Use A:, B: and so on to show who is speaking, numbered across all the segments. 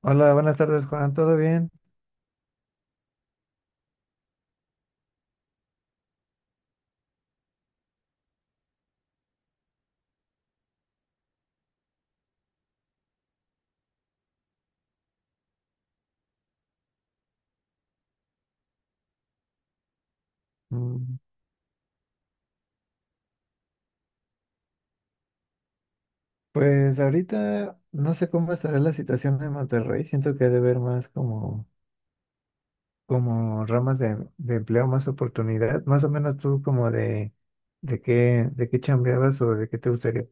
A: Hola, buenas tardes, Juan. ¿Todo bien? Mm. Pues ahorita no sé cómo estará la situación en Monterrey. Siento que debe haber más como ramas de empleo, más oportunidad, más o menos tú como de qué chambeabas o de qué te gustaría.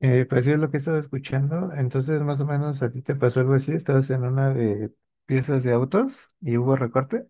A: Pues sí es lo que estaba escuchando, entonces más o menos a ti te pasó algo así, estabas en una de piezas de autos y hubo recorte.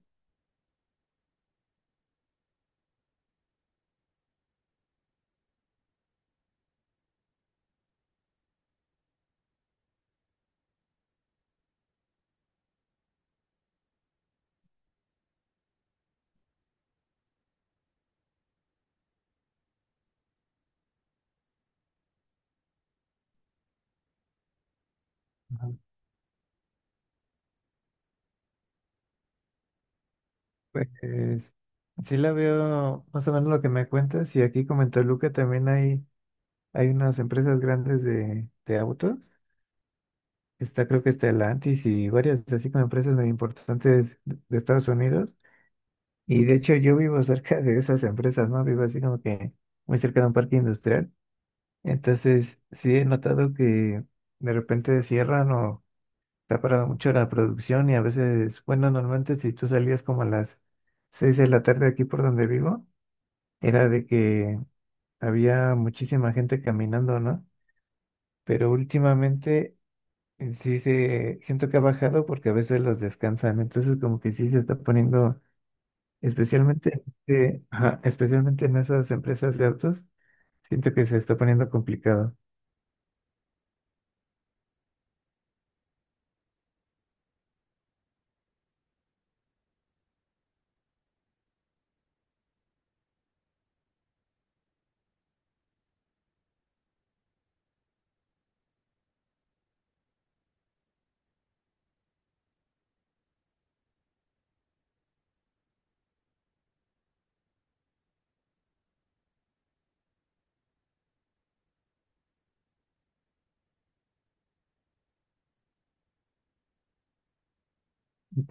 A: Ajá. Pues sí la veo más o menos lo que me cuentas y aquí comentó en también hay unas empresas grandes de autos. Está creo que está Stellantis y varias así como empresas muy importantes de Estados Unidos. Y de hecho yo vivo cerca de esas empresas, ¿no? Vivo así como que muy cerca de un parque industrial. Entonces sí he notado que de repente cierran o está parada mucho la producción y a veces, bueno, normalmente si tú salías como a las 6 de la tarde aquí por donde vivo, era de que había muchísima gente caminando, ¿no? Pero últimamente siento que ha bajado porque a veces los descansan. Entonces como que sí se está poniendo. Especialmente, ajá, especialmente en esas empresas de autos, siento que se está poniendo complicado.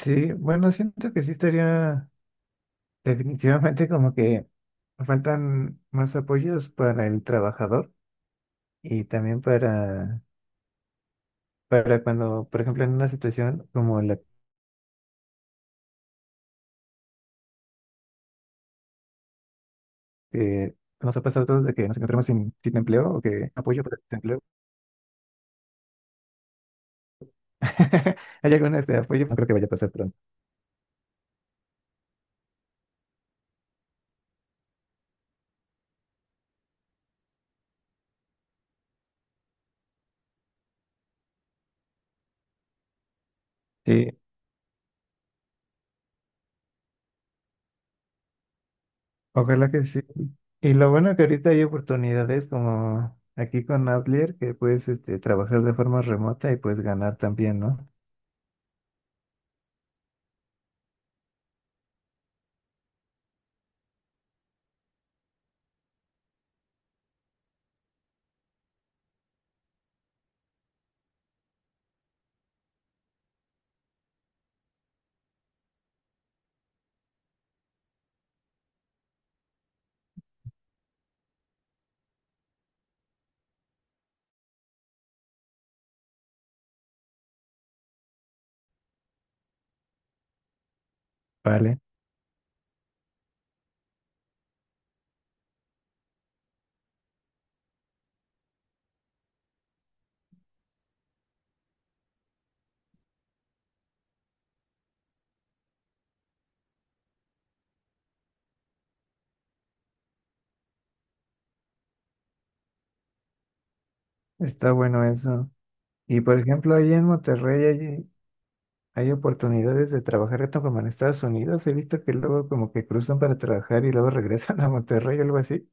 A: Sí, bueno, siento que sí estaría definitivamente como que faltan más apoyos para el trabajador y también para cuando, por ejemplo, en una situación como la que nos ha pasado a todos de que nos encontramos sin empleo o que apoyo para el empleo. Hay algún este apoyo, no creo que vaya a pasar pronto. Sí. Ojalá que sí. Y lo bueno que ahorita hay oportunidades como aquí con Outlier que puedes este, trabajar de forma remota y puedes ganar también, ¿no? Vale, está bueno eso. Y por ejemplo, ahí en Monterrey hay, hay oportunidades de trabajar tanto como en Estados Unidos. He visto que luego como que cruzan para trabajar y luego regresan a Monterrey o algo así.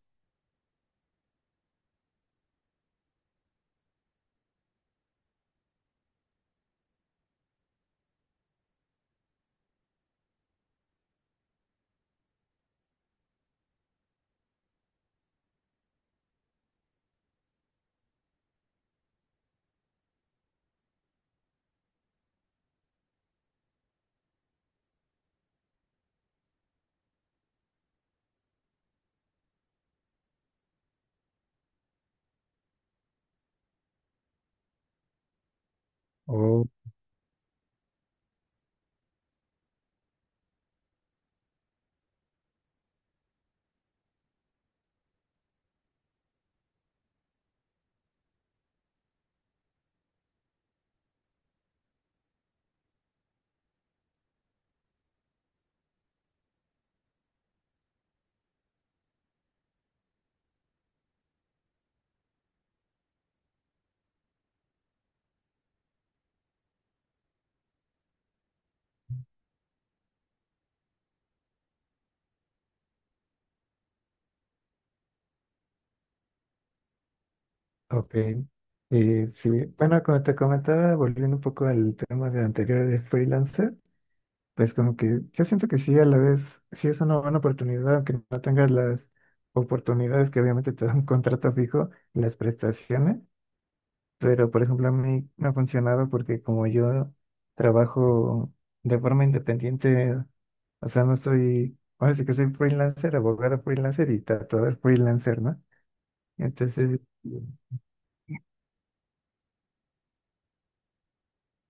A: Oh, ok. Sí, bueno, como te comentaba, volviendo un poco al tema de anterior de freelancer. Pues como que yo siento que sí, a la vez, sí es una buena oportunidad, aunque no tengas las oportunidades que obviamente te da un contrato fijo, las prestaciones, pero por ejemplo a mí me ha funcionado porque como yo trabajo de forma independiente, o sea, no soy, ahora sí que soy freelancer, abogado freelancer y tatuador freelancer, ¿no? Entonces,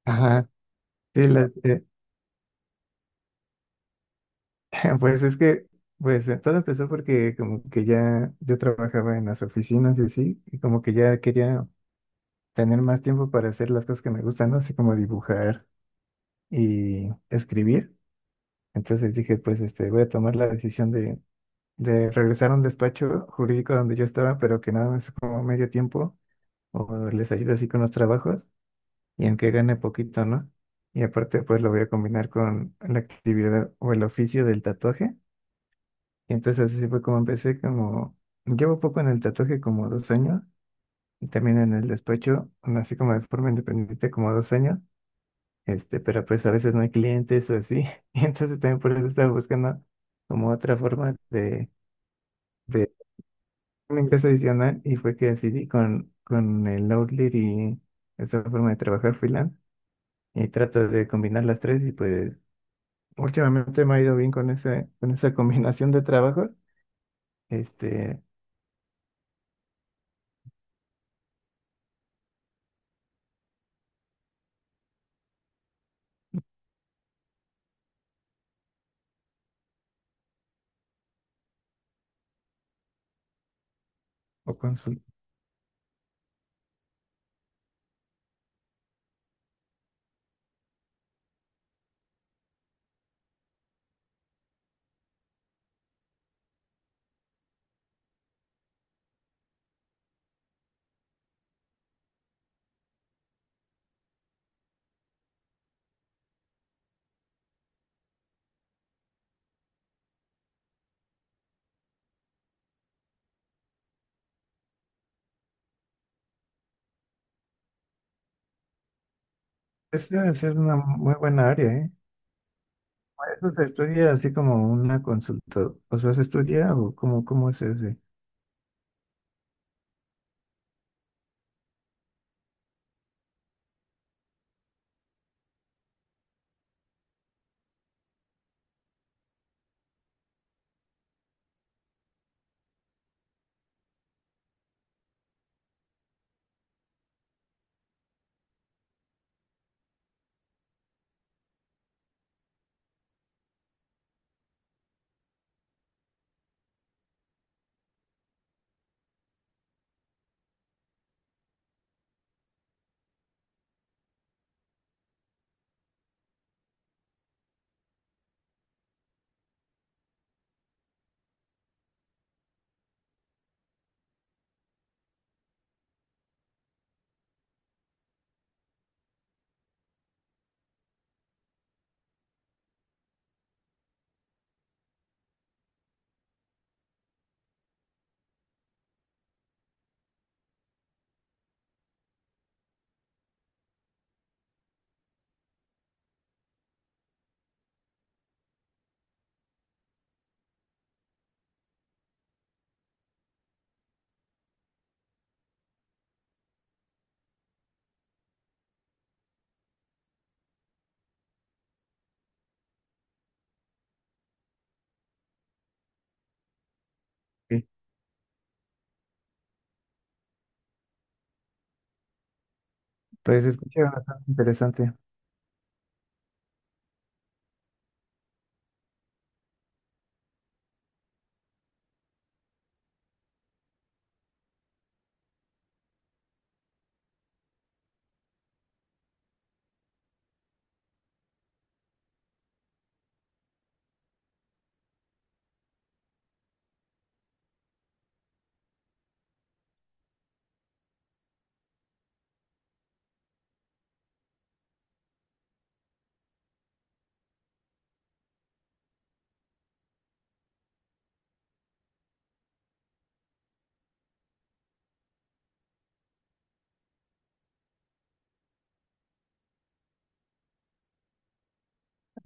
A: ajá, sí, Pues es que, pues todo empezó porque como que ya yo trabajaba en las oficinas y así, y como que ya quería tener más tiempo para hacer las cosas que me gustan, ¿no? Así como dibujar y escribir. Entonces dije, pues este, voy a tomar la decisión de regresar a un despacho jurídico donde yo estaba, pero que nada más como medio tiempo, o les ayudo así con los trabajos, y aunque gane poquito, ¿no? Y aparte, pues lo voy a combinar con la actividad o el oficio del tatuaje. Y entonces así fue como empecé, como llevo poco en el tatuaje, como 2 años, y también en el despacho, así como de forma independiente, como 2 años, este, pero pues a veces no hay clientes o así, y entonces también por eso estaba buscando como otra forma de un ingreso adicional, y fue que decidí con el Outlier y esta forma de trabajar freelance, y trato de combinar las tres, y pues últimamente me ha ido bien con ese, con esa combinación de trabajo, este, o consultoría. Esa es debe ser una muy buena área, ¿eh? ¿Eso se estudia así como una consulta? O sea, ¿se estudia o cómo es ese? Sí. Pues se escucha bastante interesante.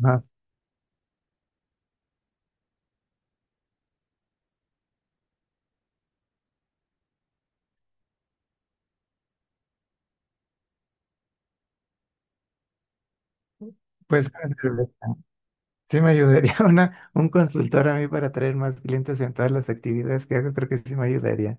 A: Ajá. Pues sí me ayudaría una, un consultor a mí para traer más clientes en todas las actividades que hago, creo que sí me ayudaría.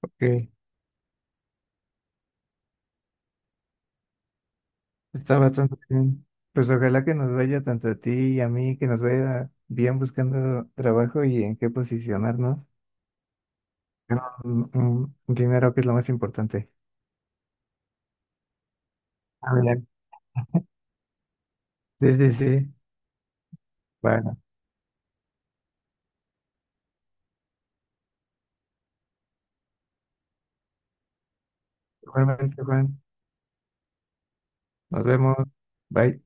A: Ok. Está bastante bien. Pues ojalá que nos vaya tanto a ti y a mí, que nos vaya bien buscando trabajo y en qué posicionarnos. Ganar un dinero que es lo más importante. Ah, mira. Sí, sí, sí. Bueno, igualmente, Juan. Nos vemos. Bye.